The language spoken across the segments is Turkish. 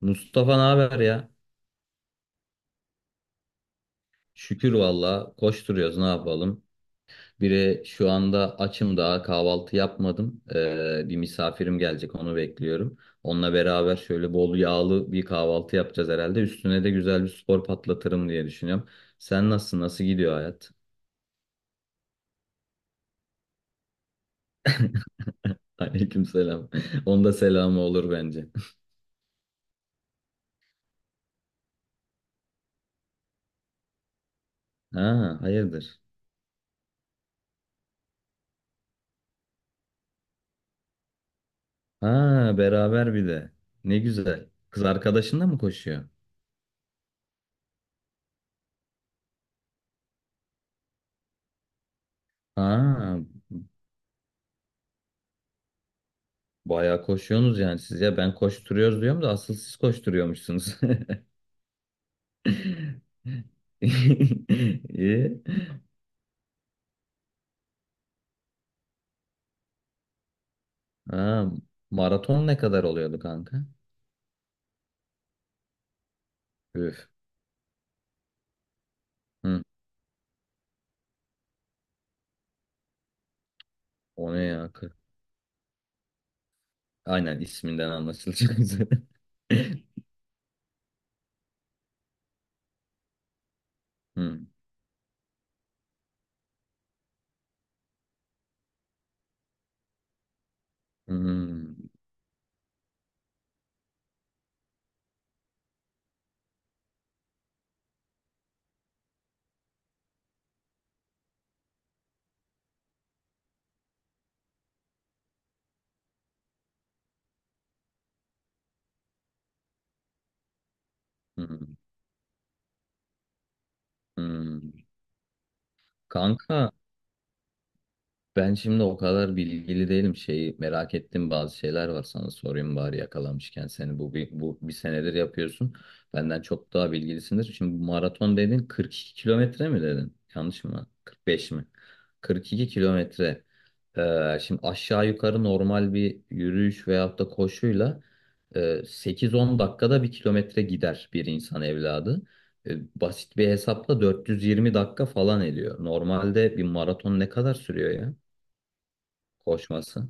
Mustafa ne haber ya? Şükür valla koşturuyoruz ne yapalım. Biri şu anda açım daha kahvaltı yapmadım. Bir misafirim gelecek onu bekliyorum. Onunla beraber şöyle bol yağlı bir kahvaltı yapacağız herhalde. Üstüne de güzel bir spor patlatırım diye düşünüyorum. Sen nasılsın? Nasıl gidiyor hayat? Aleykümselam. Onda selamı olur bence. Ha, hayırdır? Ha, beraber bir de. Ne güzel. Kız arkadaşınla mı koşuyor? Ha, bayağı koşuyorsunuz yani siz, ya ben koşturuyoruz diyorum da asıl siz koşturuyormuşsunuz. İyi. Ha, maraton ne kadar oluyordu kanka? Üf. Hı. O ne ya? Aynen isminden anlaşılacak üzere. Hı. Hı. Hı. Hı. Kanka, ben şimdi o kadar bilgili değilim. Şeyi merak ettim, bazı şeyler var sana sorayım bari yakalamışken seni, bu bir senedir yapıyorsun. Benden çok daha bilgilisindir. Şimdi bu maraton dedin 42 kilometre mi dedin? Yanlış mı, 45 mi? Kırk iki kilometre. Şimdi aşağı yukarı normal bir yürüyüş veyahut da koşuyla e, 8-10 dakikada bir kilometre gider bir insan evladı. E, basit bir hesapla 420 dakika falan ediyor. Normalde bir maraton ne kadar sürüyor ya, koşması?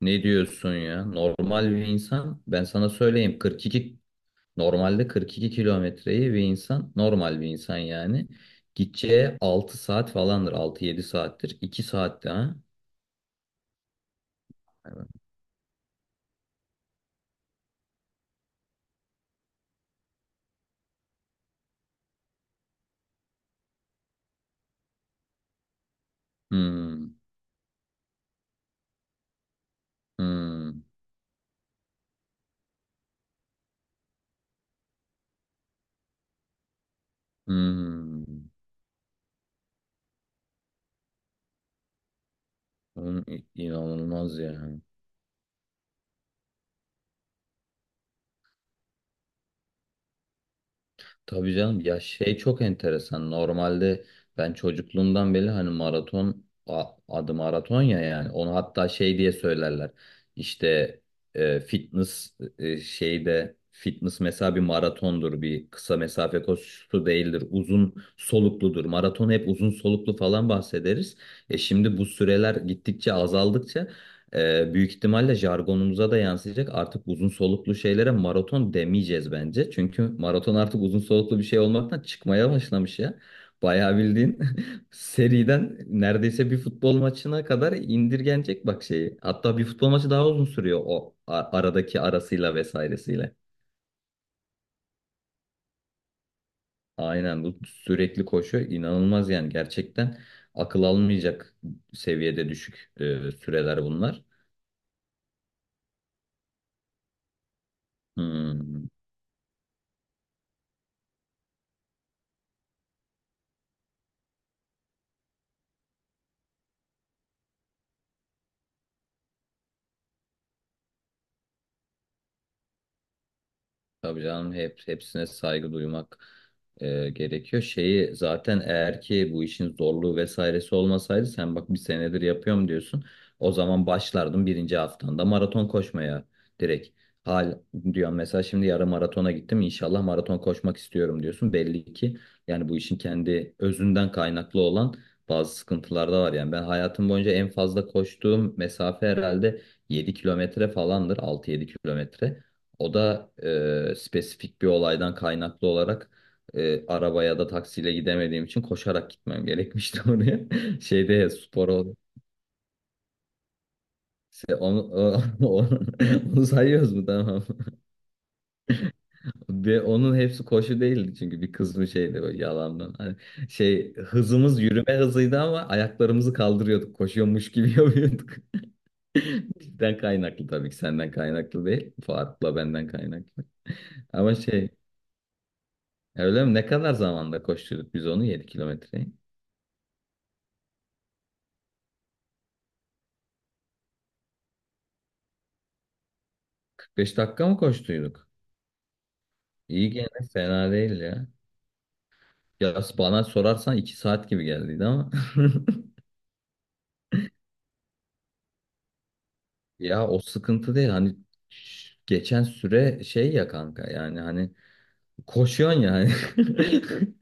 Ne diyorsun ya? Normal bir insan, ben sana söyleyeyim 42, normalde 42 kilometreyi bir insan, normal bir insan yani gideceği 6 saat falandır, 6-7 saattir, 2 saatte ha. Evet. Hmm, hmm, hmm. Oğlum, inanılmaz ya. Tabii canım ya, şey çok enteresan. Normalde ben çocukluğumdan beri hani maraton, adı maraton ya, yani onu hatta şey diye söylerler. İşte fitness, şeyde fitness mesela bir maratondur, bir kısa mesafe koşusu değildir, uzun solukludur. Maraton hep uzun soluklu falan bahsederiz. E şimdi bu süreler gittikçe azaldıkça büyük ihtimalle jargonumuza da yansıyacak. Artık uzun soluklu şeylere maraton demeyeceğiz bence. Çünkü maraton artık uzun soluklu bir şey olmaktan çıkmaya başlamış ya. Bayağı bildiğin seriden neredeyse bir futbol maçına kadar indirgenecek bak şeyi. Hatta bir futbol maçı daha uzun sürüyor, o aradaki arasıyla vesairesiyle. Aynen, bu sürekli koşu inanılmaz yani, gerçekten akıl almayacak seviyede düşük süreler bunlar. Hmm. Tabii canım, hepsine saygı duymak gerekiyor. Şeyi zaten, eğer ki bu işin zorluğu vesairesi olmasaydı, sen bak bir senedir yapıyorum diyorsun. O zaman başlardım birinci haftanda maraton koşmaya direkt. Hal diyorum mesela, şimdi yarım maratona gittim, inşallah maraton koşmak istiyorum diyorsun. Belli ki yani bu işin kendi özünden kaynaklı olan bazı sıkıntılar da var. Yani ben hayatım boyunca en fazla koştuğum mesafe herhalde 7 kilometre falandır, 6-7 kilometre. O da spesifik bir olaydan kaynaklı olarak, arabaya da taksiyle gidemediğim için koşarak gitmem gerekmişti oraya. Şeyde spor ol- Şey, onu sayıyoruz mu, tamam. Ve onun hepsi koşu değildi çünkü bir kısmı şeydi böyle, yalandan. Hani şey, hızımız yürüme hızıydı ama ayaklarımızı kaldırıyorduk. Koşuyormuş gibi yapıyorduk. Bizden kaynaklı tabii ki, senden kaynaklı değil. Fuat'la benden kaynaklı. Ama şey, öyle mi? Ne kadar zamanda koşturduk biz onu 7 kilometreyi? 45 dakika mı koştuyduk? İyi, gene fena değil ya. Ya bana sorarsan 2 saat gibi geldiydi ama. Ya o sıkıntı değil hani, geçen süre şey ya kanka, yani hani koşuyorsun yani.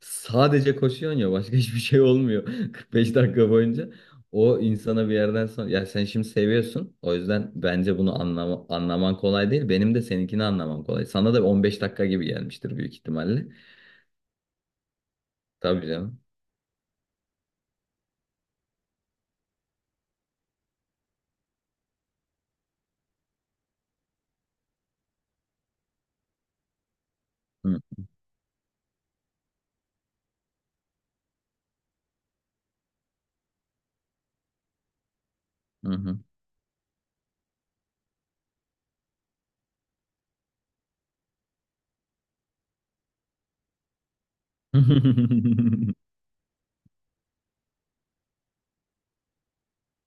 Sadece koşuyorsun ya, başka hiçbir şey olmuyor 45 dakika boyunca. O insana bir yerden sonra ya, sen şimdi seviyorsun. O yüzden bence bunu anlaman kolay değil. Benim de seninkini anlamam kolay. Sana da 15 dakika gibi gelmiştir büyük ihtimalle. Tabii canım. Hı hı. Hı.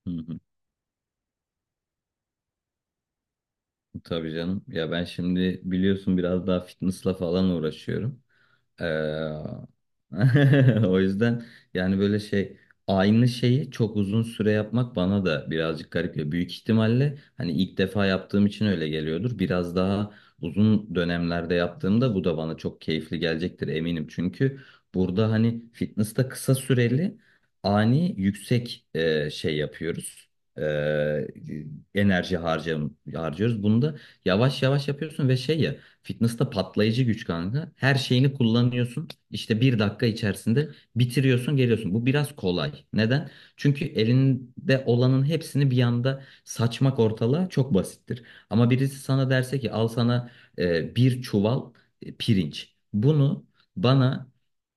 Hı hı. Tabii canım. Ya ben şimdi biliyorsun biraz daha fitnessla falan uğraşıyorum. Ee, O yüzden yani böyle şey, aynı şeyi çok uzun süre yapmak bana da birazcık garip geliyor. Büyük ihtimalle hani ilk defa yaptığım için öyle geliyordur. Biraz daha uzun dönemlerde yaptığımda bu da bana çok keyifli gelecektir eminim. Çünkü burada hani fitness'ta kısa süreli ani yüksek şey yapıyoruz. Ee, enerji harcıyoruz. Bunu da yavaş yavaş yapıyorsun ve şey ya, fitness'ta patlayıcı güç kanka. Her şeyini kullanıyorsun. İşte bir dakika içerisinde bitiriyorsun, geliyorsun. Bu biraz kolay. Neden? Çünkü elinde olanın hepsini bir anda saçmak ortalığa çok basittir. Ama birisi sana derse ki, al sana bir çuval pirinç. Bunu bana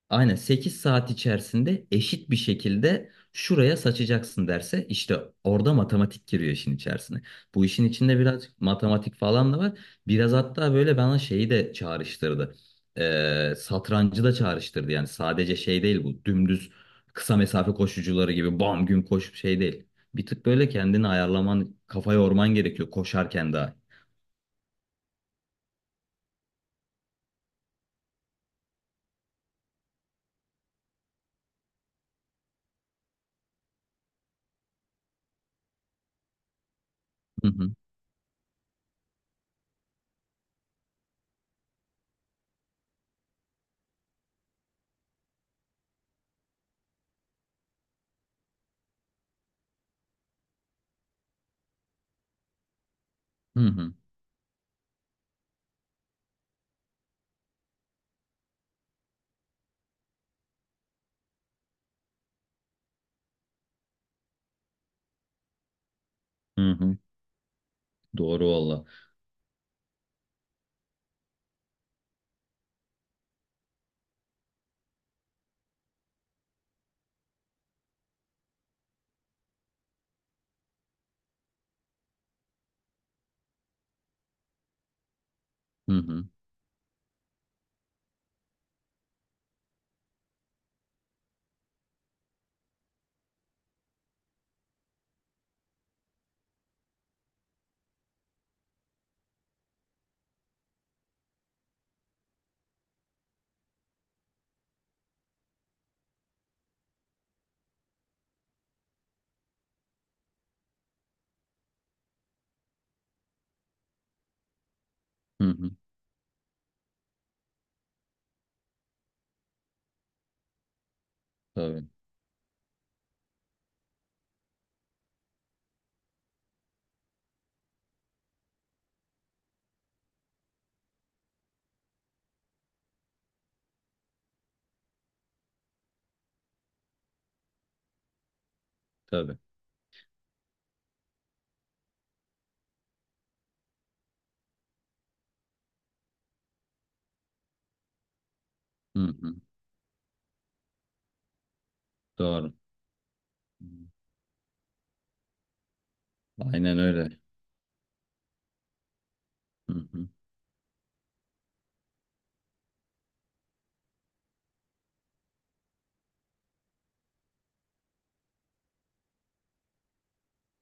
aynen 8 saat içerisinde eşit bir şekilde şuraya saçacaksın derse, işte orada matematik giriyor işin içerisine. Bu işin içinde biraz matematik falan da var. Biraz hatta böyle bana şeyi de çağrıştırdı. Satrancı da çağrıştırdı. Yani sadece şey değil, bu dümdüz kısa mesafe koşucuları gibi bam gün koşup şey değil. Bir tık böyle kendini ayarlaman, kafa yorman gerekiyor koşarken daha. Hı hı, hı hı, hı hı. Doğru valla. Hı hı, hı hı. Tabii, tabii. Hı hı. Doğru. Aynen öyle. Hı hı.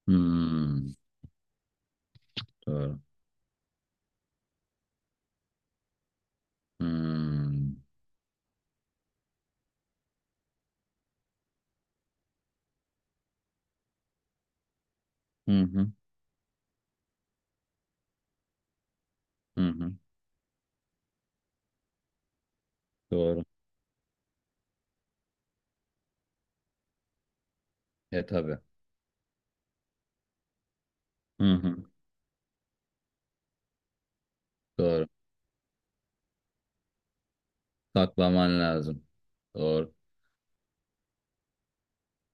Hmm, doğru. Hmm. Hı hı. Hı hı. Doğru. E tabii. Hı hı. Doğru. Saklaman lazım. Doğru.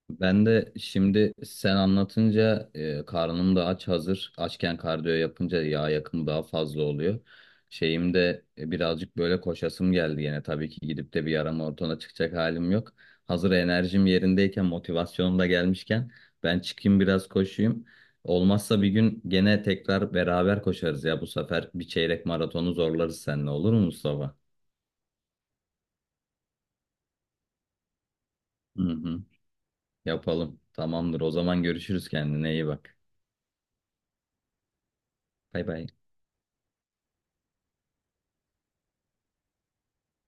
Ben de şimdi sen anlatınca, karnım da aç hazır. Açken kardiyo yapınca yağ yakımı daha fazla oluyor. Şeyim de birazcık böyle koşasım geldi yine. Tabii ki gidip de bir yarım maratona çıkacak halim yok. Hazır enerjim yerindeyken, motivasyonum da gelmişken ben çıkayım biraz koşayım. Olmazsa bir gün gene tekrar beraber koşarız ya. Bu sefer bir çeyrek maratonu zorlarız seninle, olur mu Mustafa? Hı hı. Yapalım. Tamamdır. O zaman görüşürüz, kendine iyi bak. Bay bay.